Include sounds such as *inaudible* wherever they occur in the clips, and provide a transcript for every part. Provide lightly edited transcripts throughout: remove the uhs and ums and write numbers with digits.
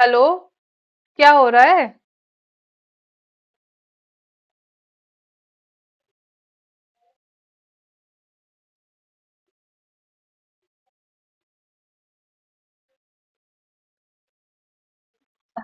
Hello. क्या हो रहा है?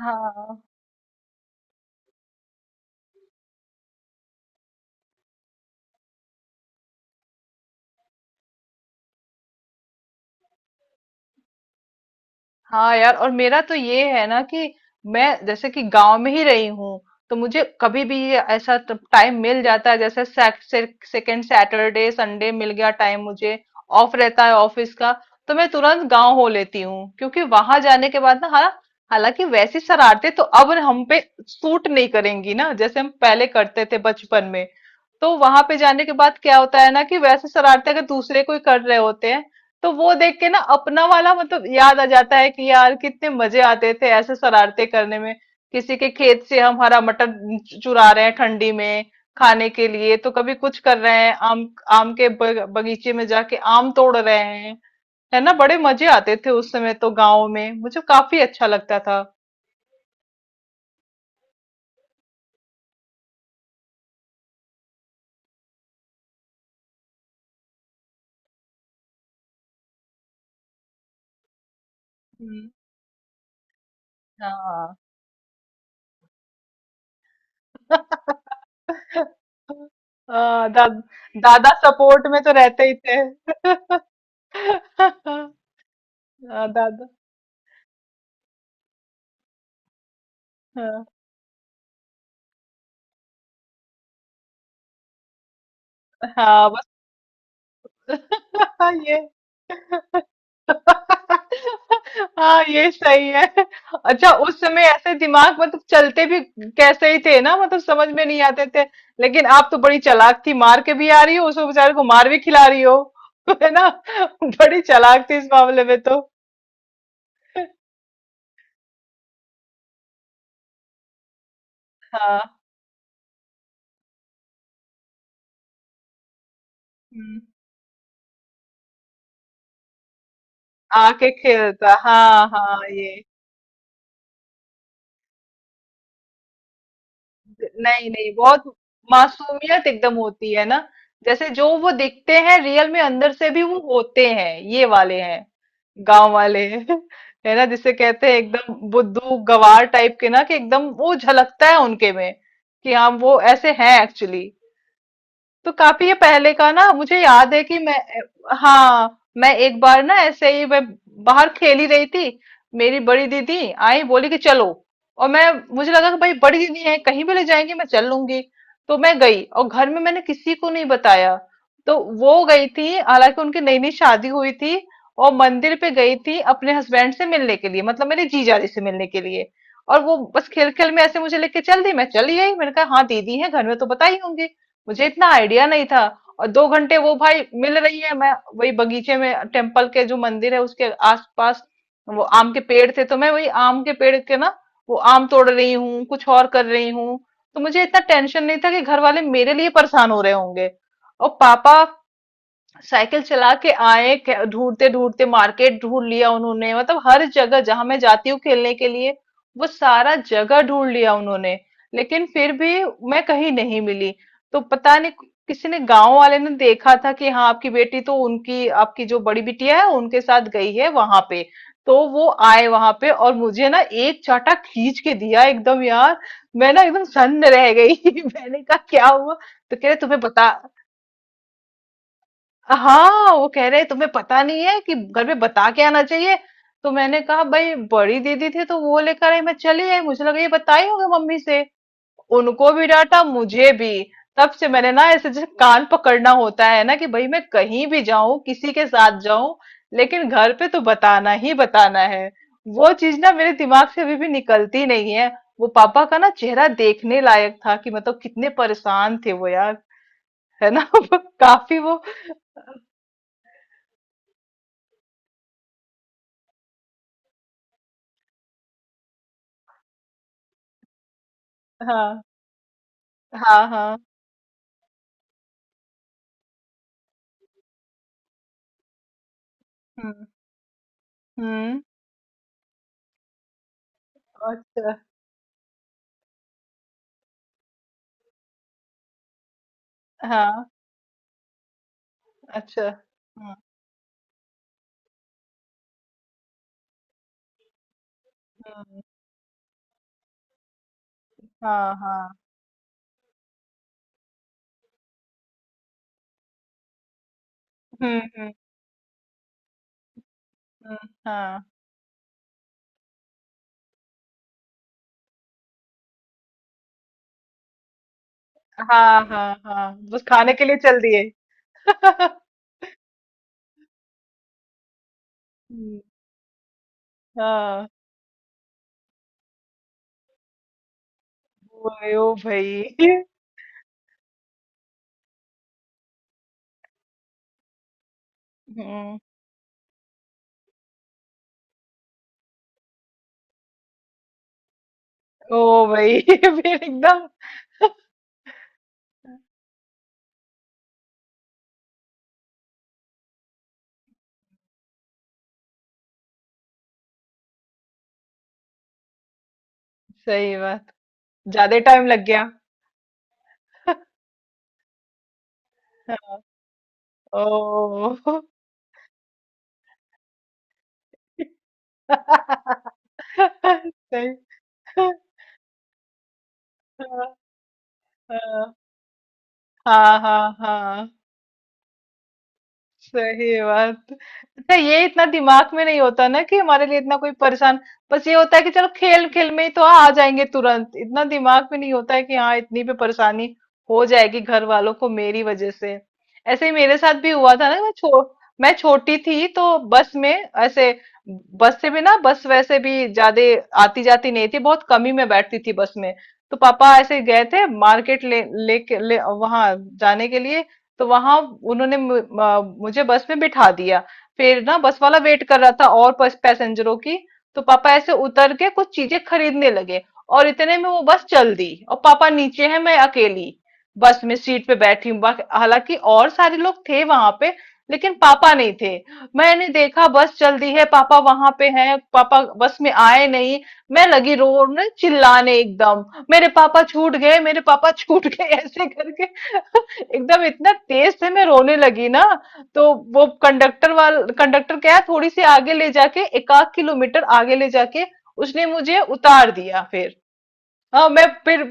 हाँ। हाँ यार, और मेरा तो ये है ना कि मैं जैसे कि गांव में ही रही हूँ, तो मुझे कभी भी ये ऐसा टाइम मिल जाता है, जैसे सेकंड सैटरडे संडे मिल गया टाइम मुझे, ऑफ रहता है ऑफिस का, तो मैं तुरंत गांव हो लेती हूँ। क्योंकि वहां जाने के बाद ना, हाँ, हालांकि वैसी शरारतें तो अब हम पे सूट नहीं करेंगी ना, जैसे हम पहले करते थे बचपन में। तो वहां पे जाने के बाद क्या होता है ना कि वैसे शरारतें अगर दूसरे कोई कर रहे होते हैं, तो वो देख के ना अपना वाला याद आ जाता है कि यार कितने मजे आते थे ऐसे शरारते करने में। किसी के खेत से हम हरा मटर चुरा रहे हैं ठंडी में खाने के लिए। तो कभी कुछ कर रहे हैं आम, बगीचे में जाके आम तोड़ रहे हैं। है ना, बड़े मजे आते थे उस समय, तो गाँव में मुझे काफी अच्छा लगता था। हम्म। हाँ। *laughs* हाँ, दा, दादा सपोर्ट में तो रहते ही थे। *laughs* हाँ, दादा। हाँ। हाँ बस। *laughs* ये हाँ, ये सही है। अच्छा, उस समय ऐसे दिमाग चलते भी कैसे ही थे ना, समझ में नहीं आते थे। लेकिन आप तो बड़ी चालाक थी, मार के भी आ रही हो, उसको बेचारे को मार भी खिला रही हो। *laughs* है ना, बड़ी चालाक थी इस मामले में तो। हाँ। हम्म। आके खेलता, हाँ हाँ, ये नहीं नहीं, बहुत मासूमियत एकदम होती है ना, जैसे जो वो दिखते हैं रियल में, अंदर से भी वो होते हैं। ये वाले हैं गांव वाले। *laughs* है ना, जिसे कहते हैं एकदम बुद्धू गवार टाइप के ना, कि एकदम वो झलकता है उनके में, कि हाँ वो ऐसे हैं एक्चुअली। तो काफी ये पहले का ना, मुझे याद है कि मैं, हाँ मैं एक बार ना ऐसे ही मैं बाहर खेल ही रही थी। मेरी बड़ी दीदी आई बोली कि चलो, और मैं मुझे लगा कि भाई बड़ी दीदी है, कहीं भी ले जाएंगी मैं चल लूंगी। तो मैं गई और घर में मैंने किसी को नहीं बताया। तो वो गई थी, हालांकि उनकी नई नई शादी हुई थी, और मंदिर पे गई थी अपने हस्बैंड से मिलने के लिए, मेरे जीजाजी से मिलने के लिए। और वो बस खेल खेल में ऐसे मुझे लेके चल दी, मैं चली गई, मैंने कहा हाँ दीदी है घर में तो बताई होंगी। मुझे इतना आइडिया नहीं था। और 2 घंटे वो भाई मिल रही है, मैं वही बगीचे में टेम्पल के, जो मंदिर है उसके आसपास वो आम के पेड़ थे, तो मैं वही आम के पेड़ के ना, वो आम तोड़ रही हूँ, कुछ और कर रही हूँ। तो मुझे इतना टेंशन नहीं था कि घर वाले मेरे लिए परेशान हो रहे होंगे। और पापा साइकिल चला के आए, ढूंढते ढूंढते मार्केट ढूंढ लिया उन्होंने, हर जगह जहां मैं जाती हूँ खेलने के लिए, वो सारा जगह ढूंढ लिया उन्होंने, लेकिन फिर भी मैं कहीं नहीं मिली। तो पता नहीं, किसी ने गांव वाले ने देखा था कि हाँ आपकी बेटी तो उनकी, आपकी जो बड़ी बिटिया है उनके साथ गई है वहां पे। तो वो आए वहां पे और मुझे ना एक चाटा खींच के दिया एकदम, यार मैं ना एकदम सन्न रह गई। *laughs* मैंने कहा क्या हुआ? तो कह रहे तुम्हें बता, हाँ वो कह रहे तुम्हें पता नहीं है कि घर में बता के आना चाहिए। तो मैंने कहा भाई बड़ी दीदी थी तो वो लेकर आई, मैं चली आई, मुझे लगा ये बताई होगी मम्मी से। उनको भी डांटा, मुझे भी। तब से मैंने ना ऐसे जैसे कान पकड़ना होता है ना, कि भाई मैं कहीं भी जाऊं, किसी के साथ जाऊं, लेकिन घर पे तो बताना ही बताना है। वो चीज ना मेरे दिमाग से अभी भी निकलती नहीं है। वो पापा का ना चेहरा देखने लायक था कि कितने परेशान थे वो, यार है ना। *laughs* काफी वो, हाँ हाँ हाँ। हम्म। हम्म। अच्छा। हाँ। अच्छा। हम्म। हम्म, हाँ हाँ। हम्म। हम्म। हम्म, हाँ हाँ हाँ हाँ, बस खाने के लिए चल दिए। *laughs* हम्म। हाँ। ओए ओ भाई। हम्म। ओ भाई *laughs* फिर एकदम। सही बात, ज्यादा टाइम लग गया। ओ। *laughs* सही। हाँ हाँ हाँ हाँ। सही बात। अच्छा, ये इतना दिमाग में नहीं होता ना कि हमारे लिए इतना कोई परेशान, बस ये होता है कि चलो खेल खेल में ही तो आ जाएंगे, तुरंत इतना दिमाग में नहीं होता है कि हाँ इतनी भी परेशानी हो जाएगी घर वालों को मेरी वजह से। ऐसे ही मेरे साथ भी हुआ था ना, मैं छोटी थी, तो बस में ऐसे, बस से भी ना, बस वैसे भी ज्यादा आती जाती नहीं थी, बहुत कम ही मैं बैठती थी बस में। तो पापा ऐसे गए थे मार्केट वहां जाने के लिए। तो वहां उन्होंने मुझे बस में बिठा दिया। फिर ना बस वाला वेट कर रहा था, और बस पैसेंजरों की, तो पापा ऐसे उतर के कुछ चीजें खरीदने लगे। और इतने में वो बस चल दी, और पापा नीचे हैं, मैं अकेली बस में सीट पे बैठी हूँ, हालांकि और सारे लोग थे वहां पे, लेकिन पापा नहीं थे। मैंने देखा बस चल दी है, पापा वहां पे हैं, पापा बस में आए नहीं। मैं लगी रोने चिल्लाने एकदम, मेरे पापा छूट गए, मेरे पापा छूट गए *laughs* ऐसे करके। *laughs* एकदम इतना तेज से मैं रोने लगी ना, तो वो कंडक्टर वाल कंडक्टर क्या है, थोड़ी सी आगे ले जाके, 1 आध किलोमीटर आगे ले जाके उसने मुझे उतार दिया। फिर हाँ मैं फिर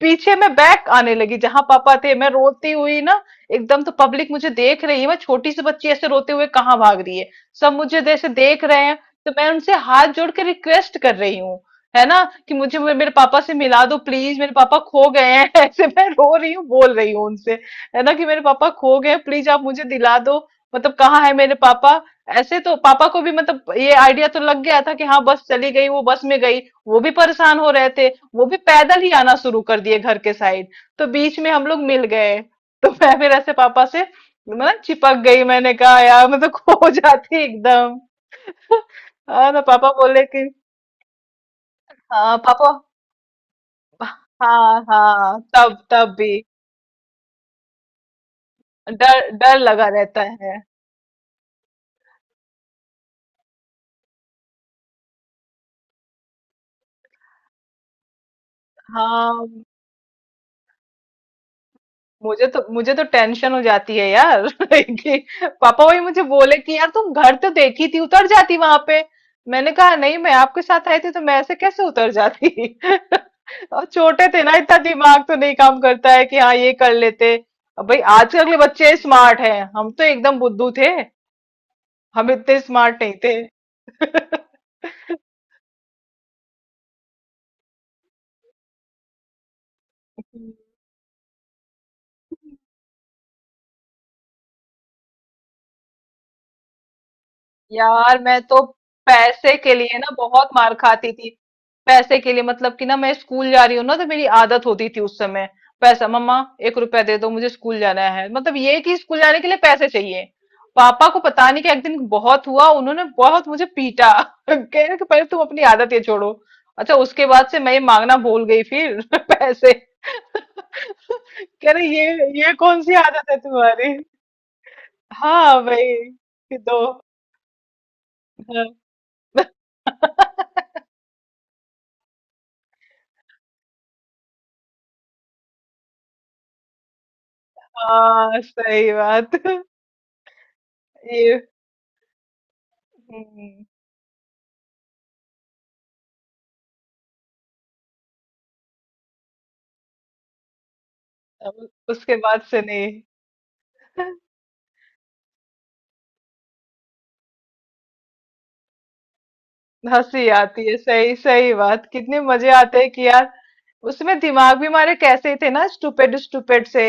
पीछे में बैक आने लगी जहां पापा थे, मैं रोती हुई ना एकदम। तो पब्लिक मुझे देख रही है, मैं छोटी सी बच्ची ऐसे रोते हुए कहाँ भाग रही है, सब मुझे जैसे देख रहे हैं। तो मैं उनसे हाथ जोड़ के रिक्वेस्ट कर रही हूँ, है ना, कि मुझे मेरे पापा से मिला दो प्लीज, मेरे पापा खो गए हैं, *laughs* ऐसे मैं रो रही हूँ, बोल रही हूँ उनसे, है ना, कि मेरे पापा खो गए, प्लीज आप मुझे दिला दो, मतलब कहाँ है मेरे पापा ऐसे। तो पापा को भी ये आइडिया तो लग गया था कि हाँ बस चली गई, वो बस में गई, वो भी परेशान हो रहे थे, वो भी पैदल ही आना शुरू कर दिए घर के साइड। तो बीच में हम लोग मिल गए। तो *laughs* मैं फिर ऐसे पापा से चिपक गई, मैंने कहा यार मैं तो खो *laughs* जाती एकदम। हाँ तो पापा बोले कि, हाँ पापा। हाँ हाँ, तब तब भी डर, डर लगा रहता है। हाँ, मुझे तो, मुझे तो टेंशन हो जाती है यार। *laughs* कि पापा वही मुझे बोले कि यार तुम घर तो देखी थी, उतर जाती वहां पे। मैंने कहा नहीं, मैं आपके साथ आई थी तो मैं ऐसे कैसे उतर जाती। *laughs* और छोटे थे ना, इतना दिमाग तो नहीं काम करता है कि हाँ ये कर लेते। अब भाई आजकल के बच्चे स्मार्ट हैं, हम तो एकदम बुद्धू थे, हम इतने स्मार्ट नहीं थे। *laughs* यार मैं तो पैसे के लिए ना बहुत मार खाती थी, पैसे के लिए मतलब कि ना मैं स्कूल जा रही हूँ ना, तो मेरी आदत होती थी उस समय, पैसा मम्मा 1 रुपया दे दो, मुझे स्कूल जाना है, मतलब ये कि स्कूल जाने के लिए पैसे चाहिए। पापा को पता नहीं कि एक दिन बहुत हुआ, उन्होंने बहुत मुझे पीटा। *laughs* कह रहे कि पहले तुम अपनी आदत ये छोड़ो। अच्छा, उसके बाद से मैं ये मांगना भूल गई फिर *laughs* पैसे। कह रहे ये कौन सी आदत है तुम्हारी। हाँ भाई। कि दो, हाँ। हाँ सही बात। *laughs* ये हम्म, अब उसके बाद से नहीं। हंसी आती है, सही, सही बात, कितने मजे आते हैं कि यार, उसमें दिमाग भी हमारे कैसे थे ना, स्टूपिड स्टूपिड से,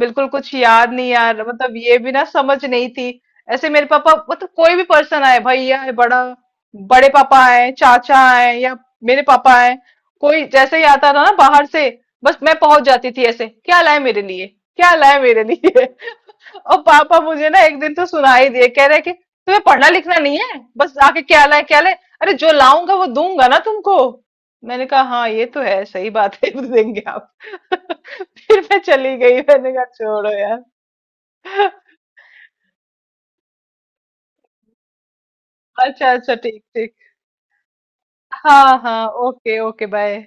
बिल्कुल कुछ याद नहीं यार, ये भी ना समझ नहीं थी। ऐसे मेरे पापा, कोई भी पर्सन आए, भैया है बड़ा, बड़े पापा आए, चाचा आए, या मेरे पापा आए, कोई जैसे ही आता था ना बाहर से, बस मैं पहुंच जाती थी ऐसे, क्या लाए मेरे लिए, क्या लाए मेरे लिए। और पापा मुझे ना एक दिन तो सुना ही दिए, कह रहे कि तुम्हें पढ़ना लिखना नहीं है, बस आके क्या लाए क्या लाए, अरे जो लाऊंगा वो दूंगा ना तुमको। मैंने कहा हाँ ये तो है, सही बात है। *laughs* देंगे आप। *laughs* फिर मैं चली गई, मैंने कहा छोड़ो यार। अच्छा अच्छा, ठीक ठीक। हाँ हाँ, ओके ओके, बाय।